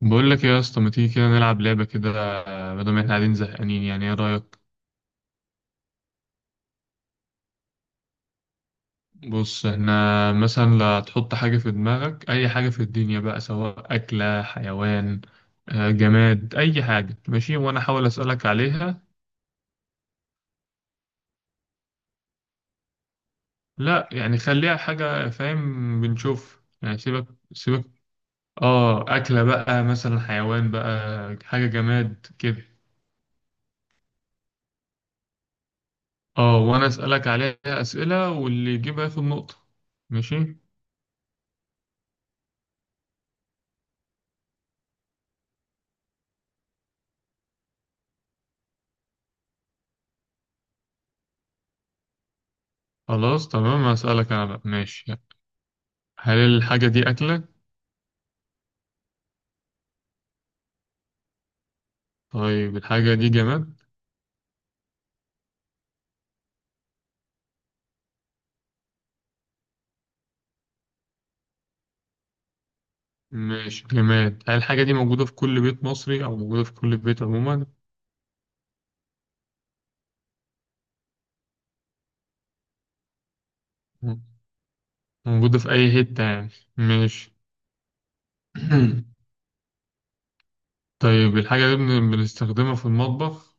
بقول لك إيه يا اسطى، ما تيجي كده نلعب لعبة كده بدل ما احنا قاعدين زهقانين؟ يعني ايه رأيك؟ بص، احنا مثلا، لا، تحط حاجة في دماغك، اي حاجة في الدنيا بقى، سواء أكلة، حيوان، جماد، اي حاجة ماشي، وانا احاول أسألك عليها. لا يعني خليها حاجة، فاهم؟ بنشوف يعني. سيبك سيبك. اه أكلة بقى مثلا، حيوان بقى، حاجة جماد كده. اه وانا أسألك عليها أسئلة، واللي يجيبها ياخد نقطة. ماشي. خلاص تمام، هسألك أنا بقى، ماشي. هل الحاجة دي أكلة؟ طيب، الحاجة دي جماد؟ ماشي، جماد. هل الحاجة دي موجودة في كل بيت مصري، أو موجودة في كل بيت عموما؟ م- موجودة في أي حتة يعني. ماشي. طيب، الحاجة دي بنستخدمها في المطبخ؟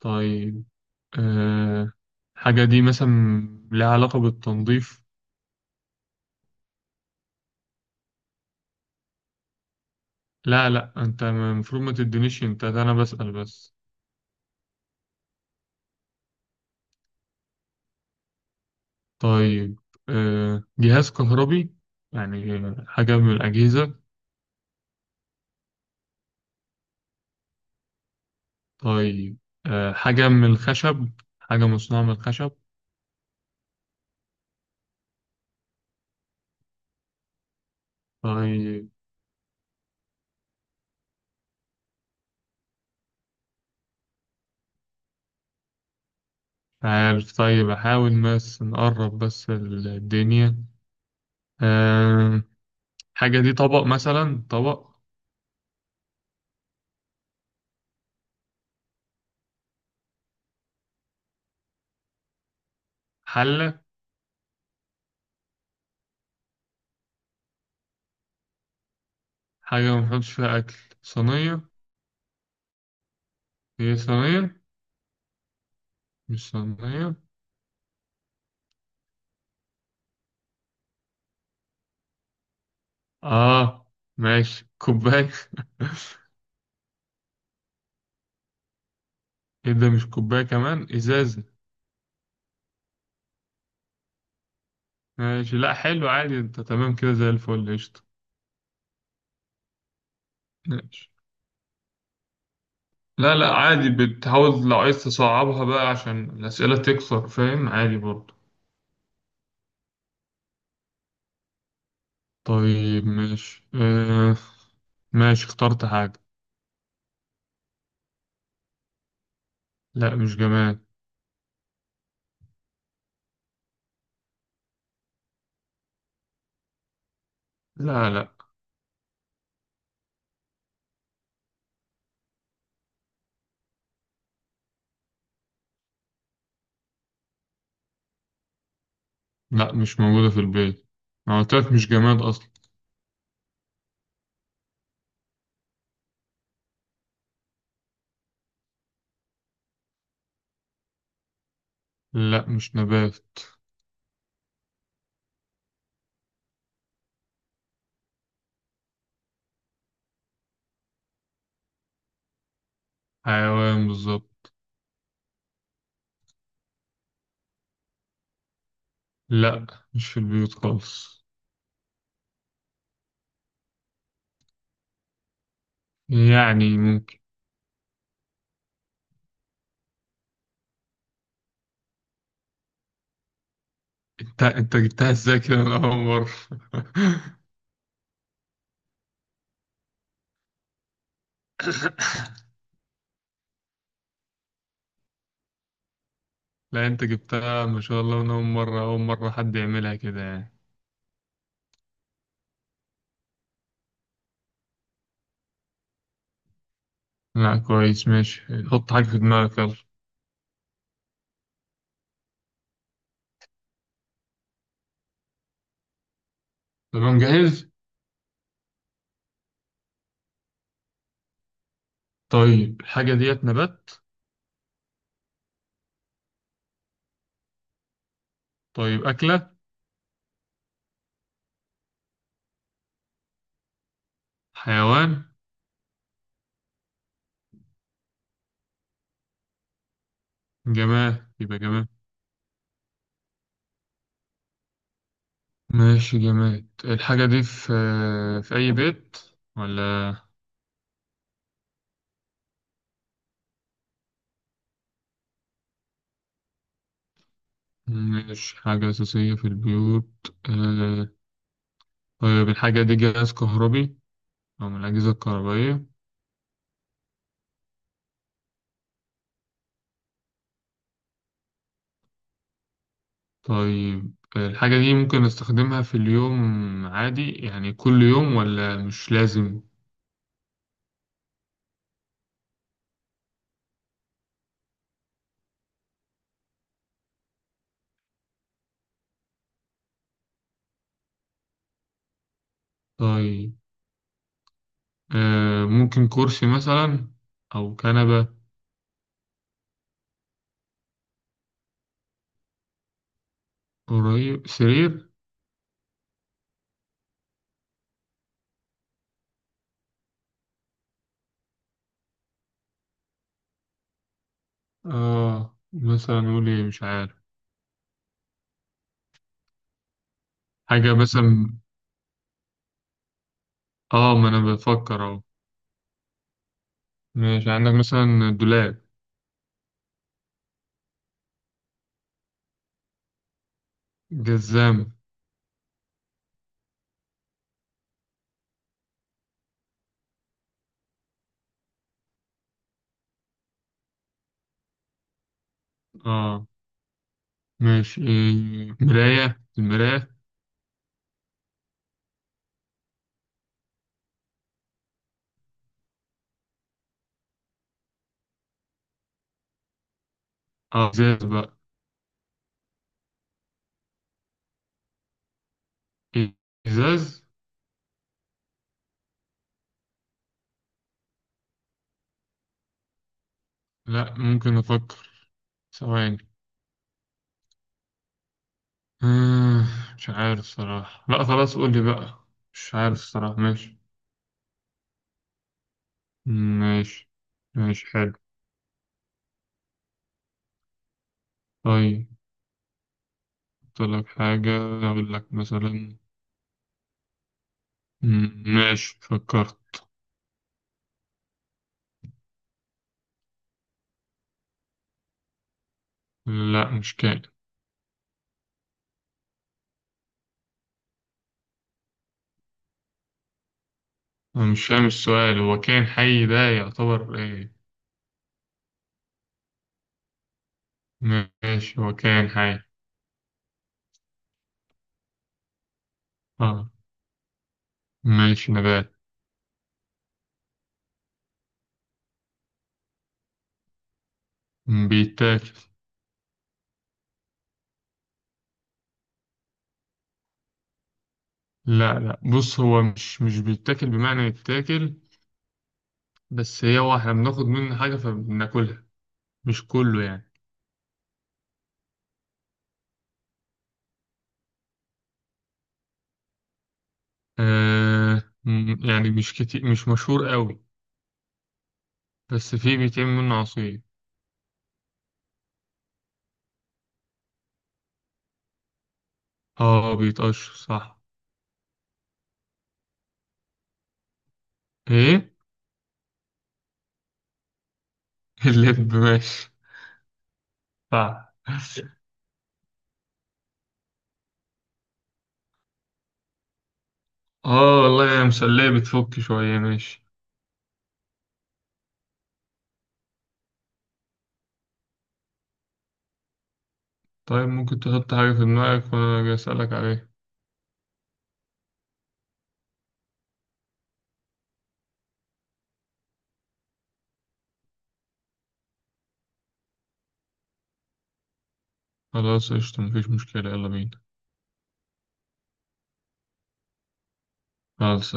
طيب. آه، الحاجة دي مثلا لها علاقة بالتنظيف؟ لا لا، أنت المفروض ما تدينيش، أنت ده، أنا بسأل بس. طيب. جهاز كهربي؟ يعني حاجة من الأجهزة. طيب. حاجة من الخشب، حاجة مصنوعة من الخشب. طيب. عارف، طيب أحاول بس نقرب بس الدنيا. آه، حاجة دي طبق مثلا، طبق؟ حلة. حاجة ما بنحطش فيها أكل، صينية؟ هي صينية؟ مش صينية. آه ماشي، كوباية؟ إيه ده؟ مش كوباية، كمان إزازة. ماشي، لأ حلو، عادي، أنت تمام كده، زي الفل، قشطة. ماشي. لا لا، عادي بتحاول، لو عايز تصعبها بقى عشان الأسئلة تكثر، فاهم، عادي برضه. طيب، ماشي. اه ماشي، اخترت حاجة. لا، مش جماد. لا لا. لا، مش موجودة في البيت. أنا قلت لك مش جماد أصلا. لا، مش نبات. حيوان بالظبط. لا، مش في البيوت خالص. يعني ممكن. انت جبتها ازاي كده من أول مرة؟ لا، انت جبتها ما شاء الله من أول مرة، أول مرة حد يعملها كده يعني. لا، كويس، ماشي. حط حاجة في دماغك، يلا. تمام، جاهز. طيب، الحاجة ديت نبات؟ طيب، أكلة؟ حيوان؟ جماد يبقى جماد. ماشي جماد. الحاجة دي في أي بيت ولا؟ مش حاجة أساسية في البيوت. طيب، الحاجة دي جهاز كهربي، أو من الأجهزة الكهربائية؟ طيب، الحاجة دي ممكن نستخدمها في اليوم عادي يعني كل يوم، ولا مش لازم؟ طيب. ممكن كرسي مثلا، أو كنبة؟ قريب، سرير؟ مثلا نقول إيه، مش عارف. حاجة مثلا. ما أنا بفكر أهو. ماشي، عندك مثلا دولاب، جزام؟ آه ماشي، إيه، مراية، المراية؟ إزاز بقى؟ إيه، إزاز؟ لأ، ممكن أفكر، ثواني. آه مش عارف صراحة. لأ خلاص، قولي بقى. مش عارف الصراحة، ماشي. ماشي، ماشي حلو. طيب، أقول لك حاجة، أقول لك مثلا. ماشي، فكرت. لا، مش كائن. أنا مش فاهم السؤال، هو كائن حي ده يعتبر إيه؟ ماشي، هو كائن حي. آه ماشي، نبات. بيتاكل. لا لا، بص، هو مش بيتاكل بمعنى يتاكل. بس هي، هو إحنا بناخد منه حاجة فبناكلها، مش كله يعني. يعني، مش كتير، مش مشهور قوي. بس فيه بيتعمل منه عصير. بيتقشر، صح. إيه؟ اللب؟ ماشي، صح. اه والله، يا مسلية، بتفك شوية، ماشي. طيب، ممكن تحط حاجة في دماغك وأنا أجي أسألك عليها؟ خلاص، قشطة، مفيش مشكلة، يلا بينا. خلاص.